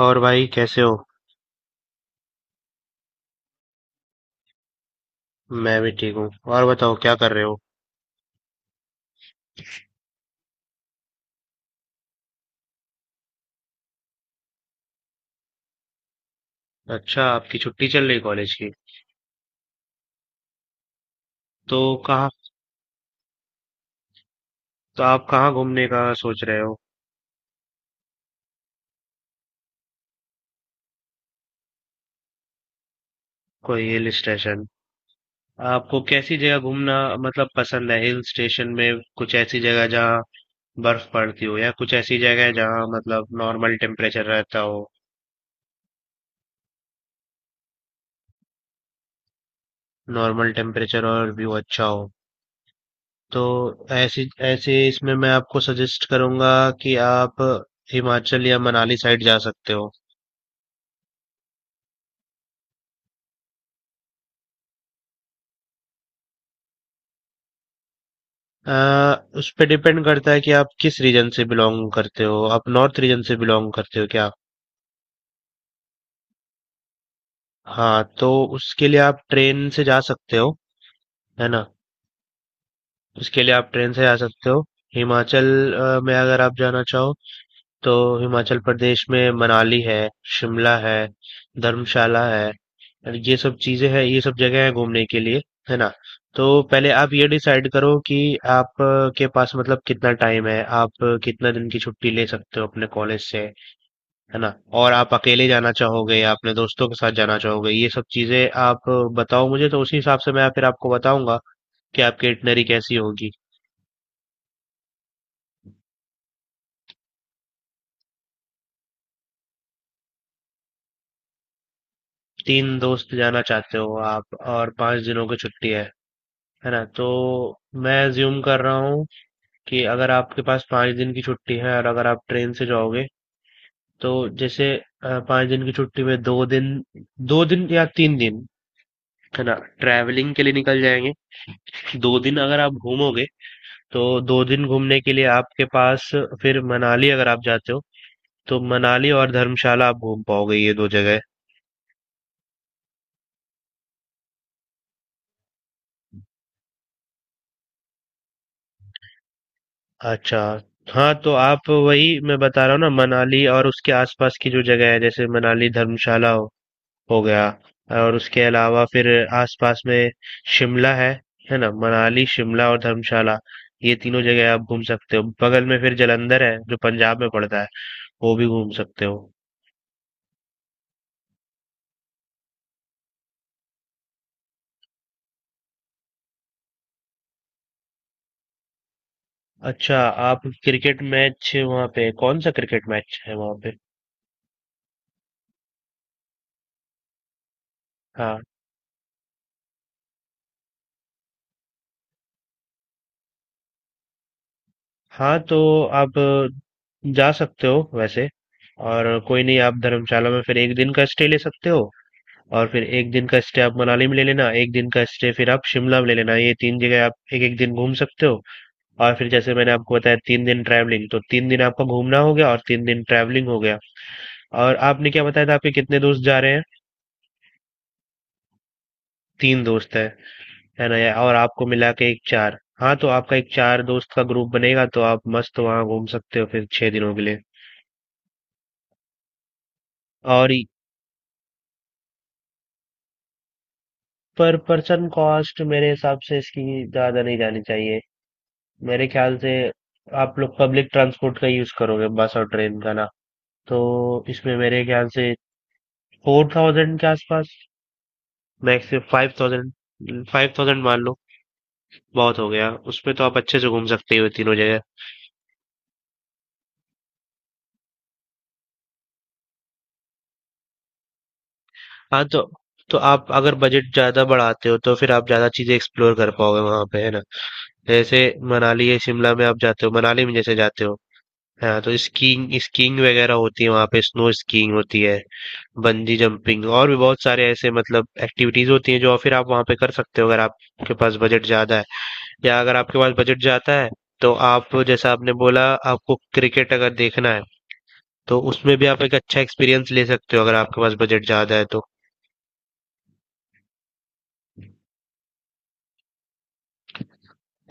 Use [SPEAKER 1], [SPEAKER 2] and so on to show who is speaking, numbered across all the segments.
[SPEAKER 1] और भाई कैसे हो। मैं भी ठीक हूँ। और बताओ क्या कर रहे हो? अच्छा, आपकी छुट्टी चल रही कॉलेज की? तो कहाँ, तो आप कहाँ घूमने का सोच रहे हो? कोई हिल स्टेशन। आपको कैसी जगह घूमना मतलब पसंद है, हिल स्टेशन में? कुछ ऐसी जगह जहाँ बर्फ पड़ती हो, या कुछ ऐसी जगह जहाँ मतलब नॉर्मल टेम्परेचर रहता हो? नॉर्मल टेम्परेचर और व्यू अच्छा हो। तो ऐसी ऐसे इसमें मैं आपको सजेस्ट करूंगा कि आप हिमाचल या मनाली साइड जा सकते हो। अ, उस पे डिपेंड करता है कि आप किस रीजन से बिलोंग करते हो। आप नॉर्थ रीजन से बिलोंग करते हो क्या? हाँ, तो उसके लिए आप ट्रेन से जा सकते हो, है ना। उसके लिए आप ट्रेन से जा सकते हो, हिमाचल में अगर आप जाना चाहो तो। हिमाचल प्रदेश में मनाली है, शिमला है, धर्मशाला है, और ये सब चीजें हैं, ये सब जगह है घूमने के लिए, है ना। तो पहले आप ये डिसाइड करो कि आप के पास मतलब कितना टाइम है, आप कितना दिन की छुट्टी ले सकते हो अपने कॉलेज से, है ना। और आप अकेले जाना चाहोगे या अपने दोस्तों के साथ जाना चाहोगे, ये सब चीजें आप बताओ मुझे, तो उसी हिसाब से मैं फिर आपको बताऊंगा कि आपकी इटनरी कैसी होगी। तीन दोस्त जाना चाहते हो आप, और 5 दिनों की छुट्टी है ना। तो मैं ज्यूम कर रहा हूँ कि अगर आपके पास 5 दिन की छुट्टी है, और अगर आप ट्रेन से जाओगे, तो जैसे, 5 दिन की छुट्टी में 2 दिन, 2 दिन या 3 दिन है ना, ट्रैवलिंग के लिए निकल जाएंगे। 2 दिन अगर आप घूमोगे, तो 2 दिन घूमने के लिए आपके पास। फिर मनाली अगर आप जाते हो, तो मनाली और धर्मशाला आप घूम पाओगे, ये 2 जगह। अच्छा, हाँ तो आप, वही मैं बता रहा हूँ ना, मनाली और उसके आसपास की जो जगह है, जैसे मनाली, धर्मशाला हो गया, और उसके अलावा फिर आसपास में शिमला है ना? मनाली, शिमला और धर्मशाला, ये तीनों जगह आप घूम सकते हो। बगल में फिर जालंधर है जो पंजाब में पड़ता है, वो भी घूम सकते हो। अच्छा, आप क्रिकेट मैच वहाँ पे, कौन सा क्रिकेट मैच है वहाँ पे? हाँ। हाँ तो आप जा सकते हो वैसे, और कोई नहीं, आप धर्मशाला में फिर एक दिन का स्टे ले सकते हो, और फिर एक दिन का स्टे आप मनाली में ले लेना, एक दिन का स्टे फिर आप शिमला में ले लेना। ये तीन जगह आप एक एक दिन घूम सकते हो। और फिर जैसे मैंने आपको बताया, 3 दिन ट्रैवलिंग तो 3 दिन आपका घूमना हो गया और 3 दिन ट्रैवलिंग हो गया। और आपने क्या बताया था, आपके कितने दोस्त जा रहे हैं? 3 दोस्त है ना यार, और आपको मिला के एक चार, हाँ तो आपका एक चार दोस्त का ग्रुप बनेगा, तो आप मस्त वहाँ घूम सकते हो फिर 6 दिनों के लिए। और ये- पर पर्सन कॉस्ट मेरे हिसाब से इसकी ज्यादा नहीं जानी चाहिए। मेरे ख्याल से आप लोग पब्लिक ट्रांसपोर्ट का यूज करोगे, बस और ट्रेन का ना। तो इसमें मेरे ख्याल से 4000 के आसपास, मैक्स 5000। 5000 मान लो, बहुत हो गया उसमें, तो आप अच्छे से घूम सकते हो तीनों जगह। हाँ तो आप अगर बजट ज़्यादा बढ़ाते हो, तो फिर आप ज़्यादा चीज़ें एक्सप्लोर कर पाओगे वहाँ पे, है ना। जैसे मनाली या शिमला में आप जाते हो, मनाली में जैसे जाते हो, हाँ तो स्कीइंग स्कीइंग वगैरह होती है वहाँ पे, स्नो स्कीइंग होती है, बंजी जंपिंग, और भी बहुत सारे ऐसे मतलब एक्टिविटीज होती हैं जो फिर आप वहाँ पे कर सकते हो अगर आपके पास बजट ज़्यादा है। या अगर आपके पास बजट ज़्यादा है, तो आप, जैसा आपने बोला, आपको क्रिकेट अगर देखना है, तो उसमें भी आप एक अच्छा एक्सपीरियंस ले सकते हो अगर आपके पास बजट ज़्यादा है तो।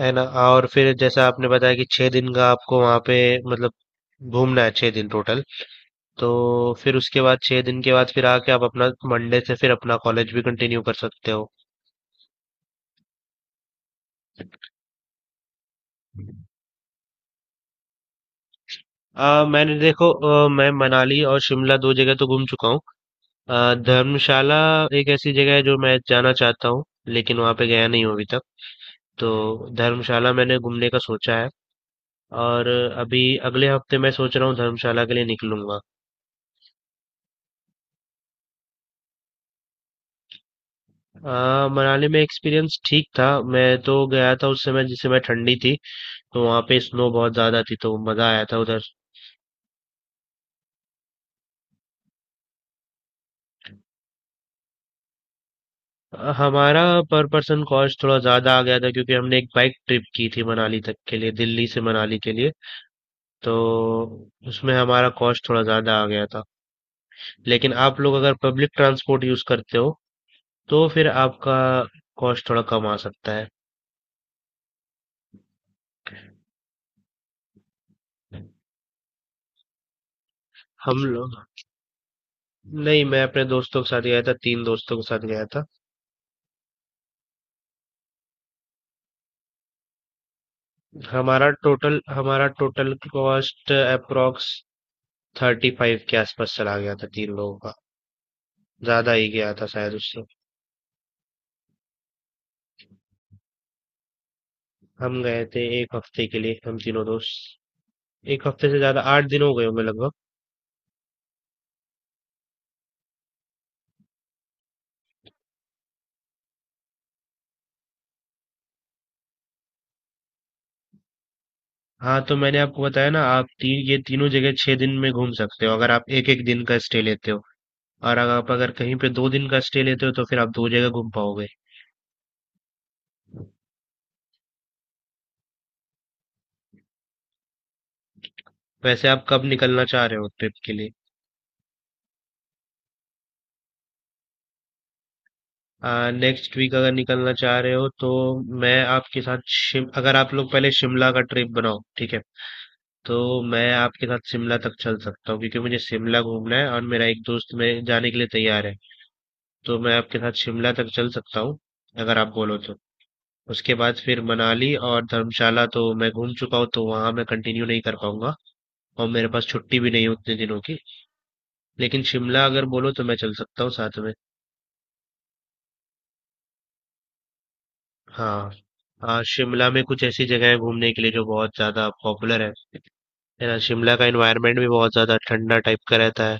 [SPEAKER 1] है ना। और फिर जैसा आपने बताया कि 6 दिन का आपको वहां पे मतलब घूमना है, 6 दिन टोटल, तो फिर उसके बाद 6 दिन के बाद फिर आके आप अपना मंडे से फिर अपना कॉलेज भी कंटिन्यू कर सकते हो। मैंने देखो, मैं मनाली और शिमला दो जगह तो घूम चुका हूँ। धर्मशाला एक ऐसी जगह है जो मैं जाना चाहता हूँ, लेकिन वहां पे गया नहीं हूँ अभी तक। तो धर्मशाला मैंने घूमने का सोचा है, और अभी अगले हफ्ते मैं सोच रहा हूँ धर्मशाला के लिए निकलूंगा। मनाली में एक्सपीरियंस ठीक था। मैं तो गया था उस समय जिस समय ठंडी थी, तो वहाँ पे स्नो बहुत ज्यादा थी, तो मजा आया था उधर। हमारा पर पर्सन कॉस्ट थोड़ा ज्यादा आ गया था क्योंकि हमने एक बाइक ट्रिप की थी मनाली तक के लिए, दिल्ली से मनाली के लिए। तो उसमें हमारा कॉस्ट थोड़ा ज्यादा आ गया था। लेकिन आप लोग अगर पब्लिक ट्रांसपोर्ट यूज करते हो, तो फिर आपका कॉस्ट थोड़ा कम आ सकता है। हम लोग, नहीं, मैं अपने दोस्तों के साथ गया था, 3 दोस्तों के साथ गया था। हमारा टोटल कॉस्ट अप्रोक्स 35 के आसपास चला गया था 3 लोगों का, ज्यादा ही गया था शायद उससे। हम गए थे एक हफ्ते के लिए, हम तीनों दोस्त। एक हफ्ते से ज्यादा, 8 दिन हो गए होंगे लगभग। हाँ तो मैंने आपको बताया ना, आप तीन, ये तीनों जगह 6 दिन में घूम सकते हो अगर आप एक एक दिन का स्टे लेते हो। और अगर आप, अगर कहीं पे 2 दिन का स्टे लेते हो, तो फिर आप दो जगह घूम पाओगे। वैसे आप कब निकलना चाह रहे हो ट्रिप के लिए? नेक्स्ट वीक अगर निकलना चाह रहे हो तो, मैं आपके साथ शिम अगर आप लोग पहले शिमला का ट्रिप बनाओ, ठीक है, तो मैं आपके साथ शिमला तक चल सकता हूँ क्योंकि मुझे शिमला घूमना है, और मेरा एक दोस्त मेरे जाने के लिए तैयार है, तो मैं आपके साथ शिमला तक चल सकता हूँ अगर आप बोलो तो। उसके बाद फिर मनाली और धर्मशाला तो मैं घूम चुका हूँ, तो वहां मैं कंटिन्यू नहीं कर पाऊंगा, और मेरे पास छुट्टी भी नहीं है उतने दिनों की। लेकिन शिमला अगर बोलो तो मैं चल सकता हूँ साथ में। हाँ। हाँ, शिमला में कुछ ऐसी जगह है घूमने के लिए जो बहुत ज्यादा पॉपुलर है ना। शिमला का एनवायरनमेंट भी बहुत ज्यादा ठंडा टाइप का रहता है।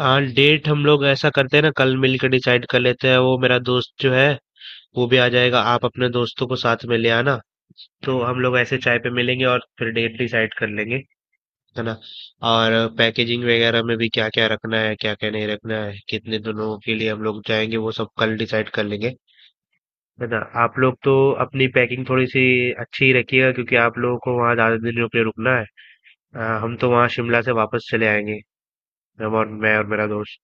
[SPEAKER 1] हाँ, डेट हम लोग ऐसा करते हैं ना, कल मिलकर डिसाइड कर लेते हैं। वो मेरा दोस्त जो है, वो भी आ जाएगा। आप अपने दोस्तों को साथ में ले आना, तो हम लोग ऐसे चाय पे मिलेंगे और फिर डेट डिसाइड कर लेंगे, है ना। और पैकेजिंग वगैरह में भी क्या क्या रखना है, क्या क्या नहीं रखना है, कितने दिनों के लिए हम लोग जाएंगे, वो सब कल डिसाइड कर लेंगे, है ना। आप लोग तो अपनी पैकिंग थोड़ी सी अच्छी ही रखिएगा क्योंकि आप लोगों को वहाँ ज़्यादा दिन रुकना है। हम तो वहाँ शिमला से वापस चले आएंगे, हम और, मैं और मेरा दोस्त।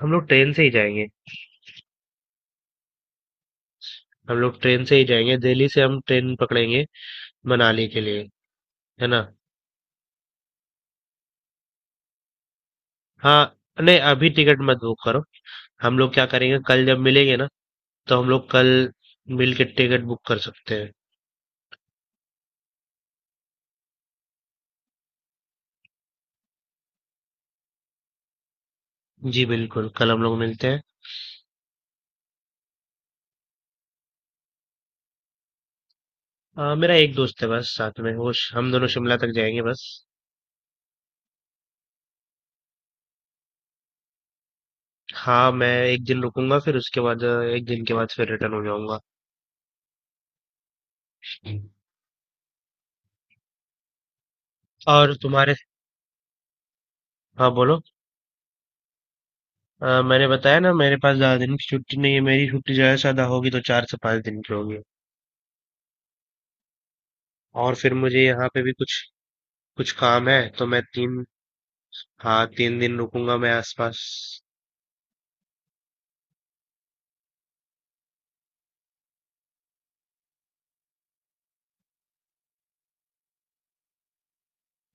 [SPEAKER 1] हम लोग ट्रेन से ही जाएंगे। हम लोग ट्रेन से ही जाएंगे, दिल्ली से हम ट्रेन पकड़ेंगे मनाली के लिए, है ना। हाँ, नहीं अभी टिकट मत बुक करो। हम लोग क्या करेंगे, कल जब मिलेंगे ना, तो हम लोग कल मिल के टिकट बुक कर सकते हैं। जी बिल्कुल, कल हम लोग मिलते हैं। मेरा एक दोस्त है बस साथ में, हम दोनों शिमला तक जाएंगे बस। हाँ, मैं एक दिन रुकूंगा, फिर उसके बाद एक दिन के बाद फिर रिटर्न हो जाऊंगा। और तुम्हारे, हाँ बोलो। मैंने बताया ना मेरे पास ज्यादा दिन की छुट्टी नहीं है, मेरी छुट्टी ज्यादा से ज्यादा होगी तो 4 से 5 दिन की होगी। और फिर मुझे यहाँ पे भी कुछ कुछ काम है तो मैं तीन, हाँ तीन दिन रुकूंगा मैं आसपास।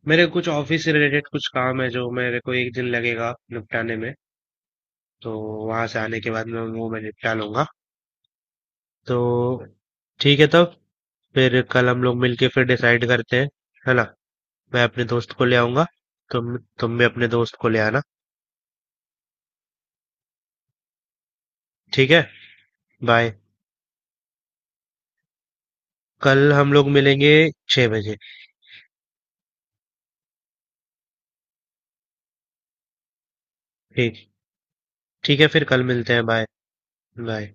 [SPEAKER 1] मेरे कुछ ऑफिस से रिलेटेड कुछ काम है जो मेरे को एक दिन लगेगा निपटाने में, तो वहां से आने के बाद मैं वो मैं निपटा लूंगा। तो ठीक है तब, फिर कल हम लोग मिलके फिर डिसाइड करते हैं, है ना। मैं अपने दोस्त को ले आऊंगा, तुम भी अपने दोस्त को ले आना। ठीक है, बाय। कल हम लोग मिलेंगे 6 बजे। ठीक, ठीक है, फिर कल मिलते हैं। बाय। बाय।